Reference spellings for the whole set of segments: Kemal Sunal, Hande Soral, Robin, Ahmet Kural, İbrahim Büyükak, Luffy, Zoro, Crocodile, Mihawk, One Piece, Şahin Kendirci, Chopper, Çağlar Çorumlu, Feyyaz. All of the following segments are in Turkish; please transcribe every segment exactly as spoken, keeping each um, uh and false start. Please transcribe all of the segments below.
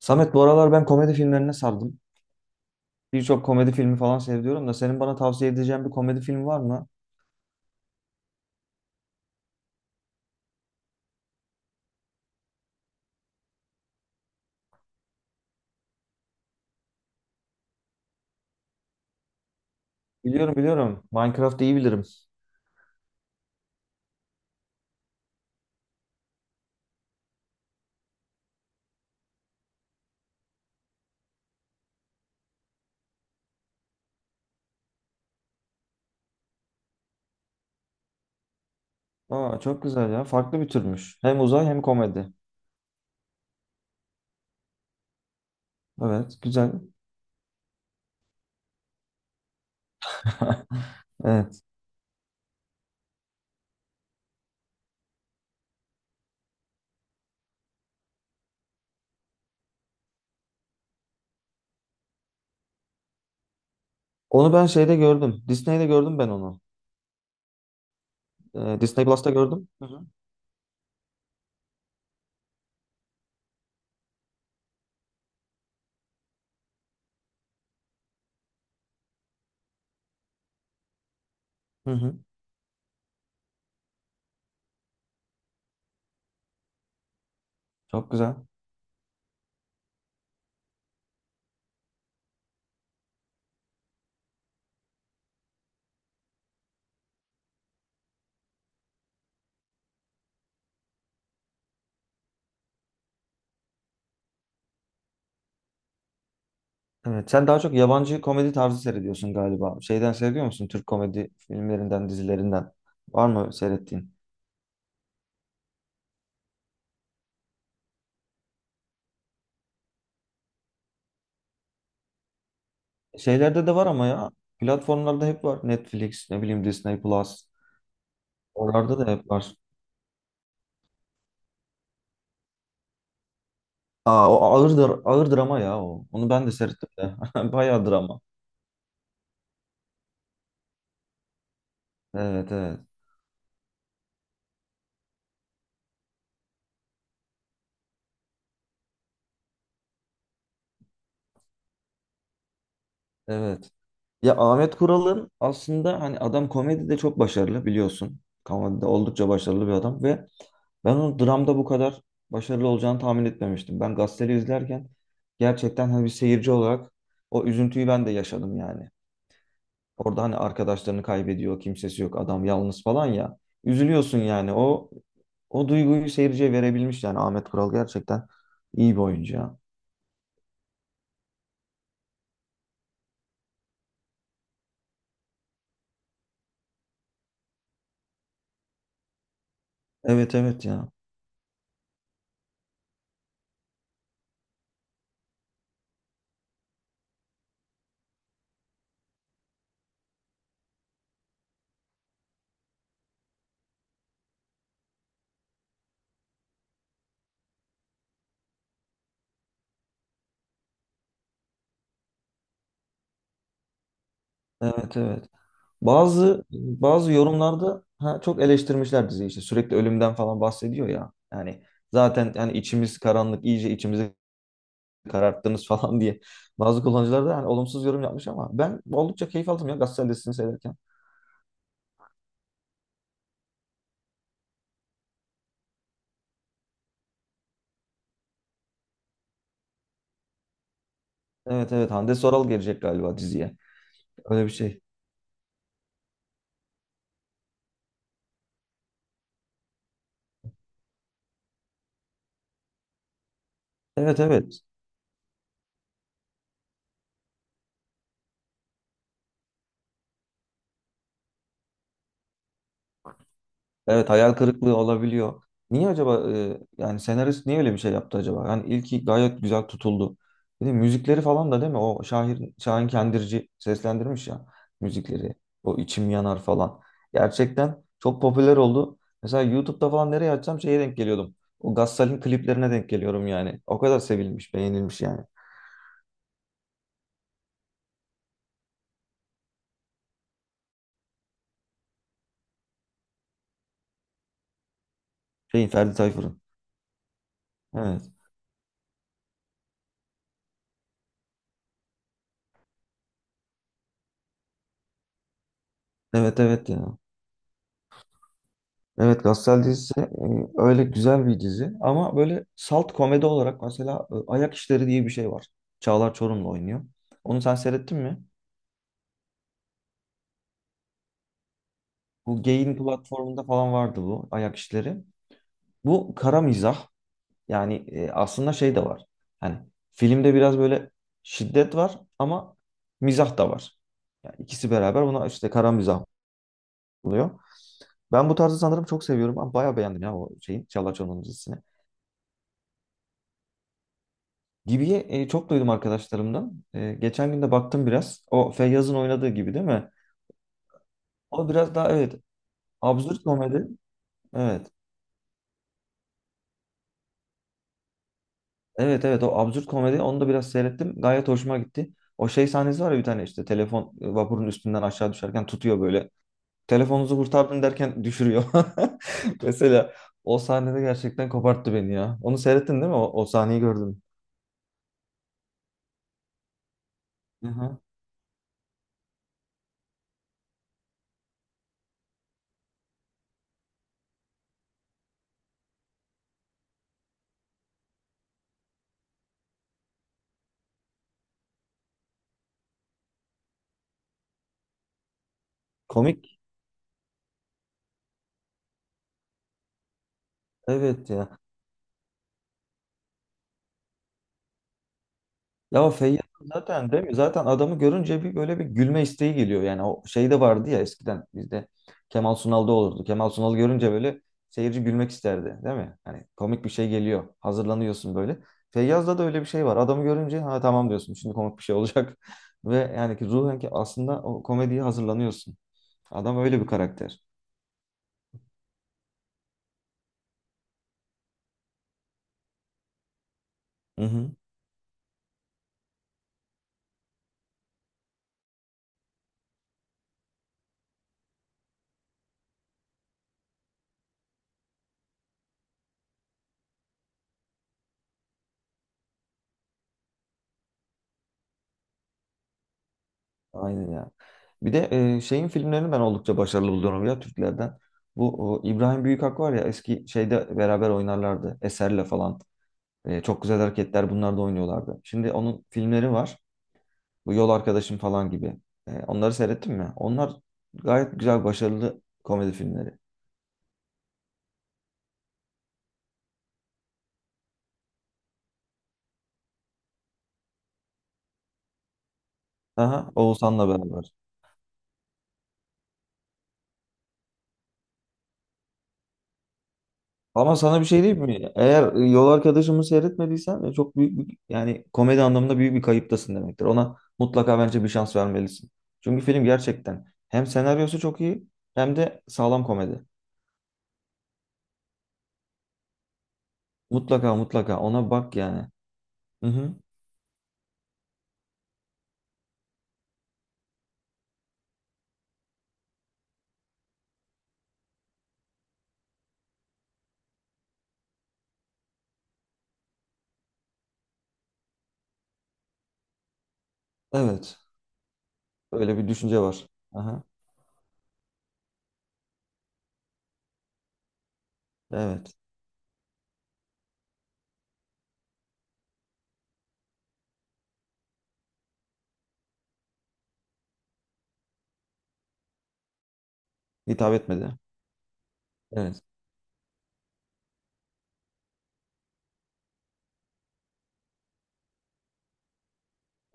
Samet bu aralar ben komedi filmlerine sardım. Birçok komedi filmi falan seviyorum da senin bana tavsiye edeceğin bir komedi film var mı? Biliyorum biliyorum. Minecraft'ı iyi bilirim. Aa, çok güzel ya. Farklı bir türmüş. Hem uzay hem komedi. Evet, güzel. Evet. Onu ben şeyde gördüm. Disney'de gördüm ben onu. Ee, Disney Plus'ta gördüm. Hı hı. Hı hı. Çok güzel. Evet. Sen daha çok yabancı komedi tarzı seyrediyorsun galiba. Şeyden seviyor musun? Türk komedi filmlerinden, dizilerinden. Var mı seyrettiğin? Şeylerde de var ama ya. Platformlarda hep var. Netflix, ne bileyim Disney Plus. Oralarda da hep var. Aa, o ağırdır, ağır drama ya o. Onu ben de seyrettim de. Bayağı drama. Evet, evet. Evet. Ya Ahmet Kural'ın aslında hani adam komedide çok başarılı biliyorsun. Komedide oldukça başarılı bir adam ve ben onun dramda bu kadar başarılı olacağını tahmin etmemiştim. Ben gazeteli izlerken gerçekten hani bir seyirci olarak o üzüntüyü ben de yaşadım yani. Orada hani arkadaşlarını kaybediyor, kimsesi yok, adam yalnız falan ya. Üzülüyorsun yani. O o duyguyu seyirciye verebilmiş yani Ahmet Kural gerçekten iyi bir oyuncu ya. Evet evet ya. Evet evet. Bazı bazı yorumlarda ha, çok eleştirmişler diziyi işte sürekli ölümden falan bahsediyor ya. Yani zaten yani içimiz karanlık iyice içimizi kararttınız falan diye. Bazı kullanıcılar da hani olumsuz yorum yapmış ama ben oldukça keyif aldım ya Gazeteli listesini seyrederken. Evet evet Hande Soral gelecek galiba diziye. Öyle bir şey. Evet evet. Evet hayal kırıklığı olabiliyor. Niye acaba e, yani senarist niye öyle bir şey yaptı acaba? Yani ilki gayet güzel tutuldu. Bir de müzikleri falan da değil mi? O Şahin, Şahin Kendirci seslendirmiş ya müzikleri. O içim yanar falan. Gerçekten çok popüler oldu. Mesela YouTube'da falan nereye açsam şeye denk geliyordum. O Gassal'in kliplerine denk geliyorum yani. O kadar sevilmiş, beğenilmiş yani. Şeyin Ferdi Tayfur'un. Evet. Evet evet ya. Evet Gassel dizisi e, öyle güzel bir dizi ama böyle salt komedi olarak mesela e, Ayak İşleri diye bir şey var. Çağlar Çorumlu oynuyor. Onu sen seyrettin mi? Bu Gain platformunda falan vardı bu Ayak İşleri. Bu kara mizah yani e, aslında şey de var. Hani filmde biraz böyle şiddet var ama mizah da var. Yani ikisi beraber buna işte kara mizah oluyor. Ben bu tarzı sanırım çok seviyorum ama bayağı beğendim ya o şeyin Çağlar Çorumlu'nun dizisini. Gibi'yi e, çok duydum arkadaşlarımdan. E, geçen gün de baktım biraz. O Feyyaz'ın oynadığı gibi değil mi? O biraz daha evet absürt komedi. Evet. Evet evet o absürt komedi onu da biraz seyrettim. Gayet hoşuma gitti. O şey sahnesi var ya bir tane işte telefon e, vapurun üstünden aşağı düşerken tutuyor böyle. Telefonunuzu kurtardım derken düşürüyor. Mesela o sahnede gerçekten koparttı beni ya. Onu seyrettin değil mi? O, o sahneyi gördüm. Hı hı. Komik. Evet ya. Ya Feyyaz zaten değil mi? Zaten adamı görünce bir böyle bir gülme isteği geliyor. Yani o şey de vardı ya eskiden bizde Kemal Sunal'da olurdu. Kemal Sunal görünce böyle seyirci gülmek isterdi değil mi? Hani komik bir şey geliyor. Hazırlanıyorsun böyle. Feyyaz'da da öyle bir şey var. Adamı görünce ha tamam diyorsun. Şimdi komik bir şey olacak. Ve yani ki ruhen ki aslında o komediye hazırlanıyorsun. Adam öyle bir karakter. Hı hı. Aynen ya. Bir de e, şeyin filmlerini ben oldukça başarılı buluyorum ya Türklerden. Bu o, İbrahim Büyükak var ya eski şeyde beraber oynarlardı. Eser'le falan. E, çok güzel hareketler bunlar da oynuyorlardı. Şimdi onun filmleri var. Bu Yol Arkadaşım falan gibi. E, onları seyrettin mi? Onlar gayet güzel başarılı komedi filmleri. Aha, Oğuzhan'la beraber. Ama sana bir şey diyeyim mi? Eğer e, Yol Arkadaşımı seyretmediysen e, çok büyük bir, yani komedi anlamında büyük bir kayıptasın demektir. Ona mutlaka bence bir şans vermelisin. Çünkü film gerçekten hem senaryosu çok iyi hem de sağlam komedi. Mutlaka mutlaka ona bak yani. Hı hı. Evet. Öyle bir düşünce var. Aha. Evet. Hitap etmedi. Evet.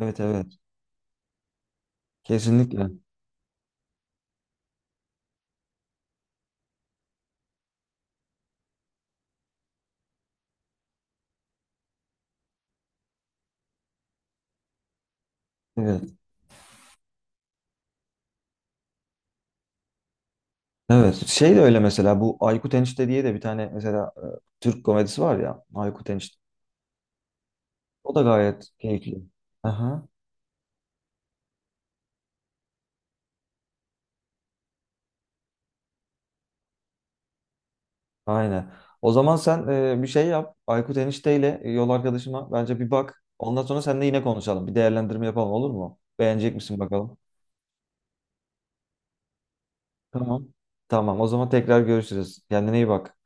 Evet evet. Kesinlikle. Evet. Evet. Şey de öyle mesela bu Aykut Enişte diye de bir tane mesela e, Türk komedisi var ya Aykut Enişte. O da gayet keyifli. Aha, aynen. O zaman sen e, bir şey yap. Aykut enişteyle e, yol arkadaşıma bence bir bak. Ondan sonra seninle yine konuşalım. Bir değerlendirme yapalım olur mu? Beğenecek misin bakalım? Tamam. Tamam. O zaman tekrar görüşürüz. Kendine iyi bak.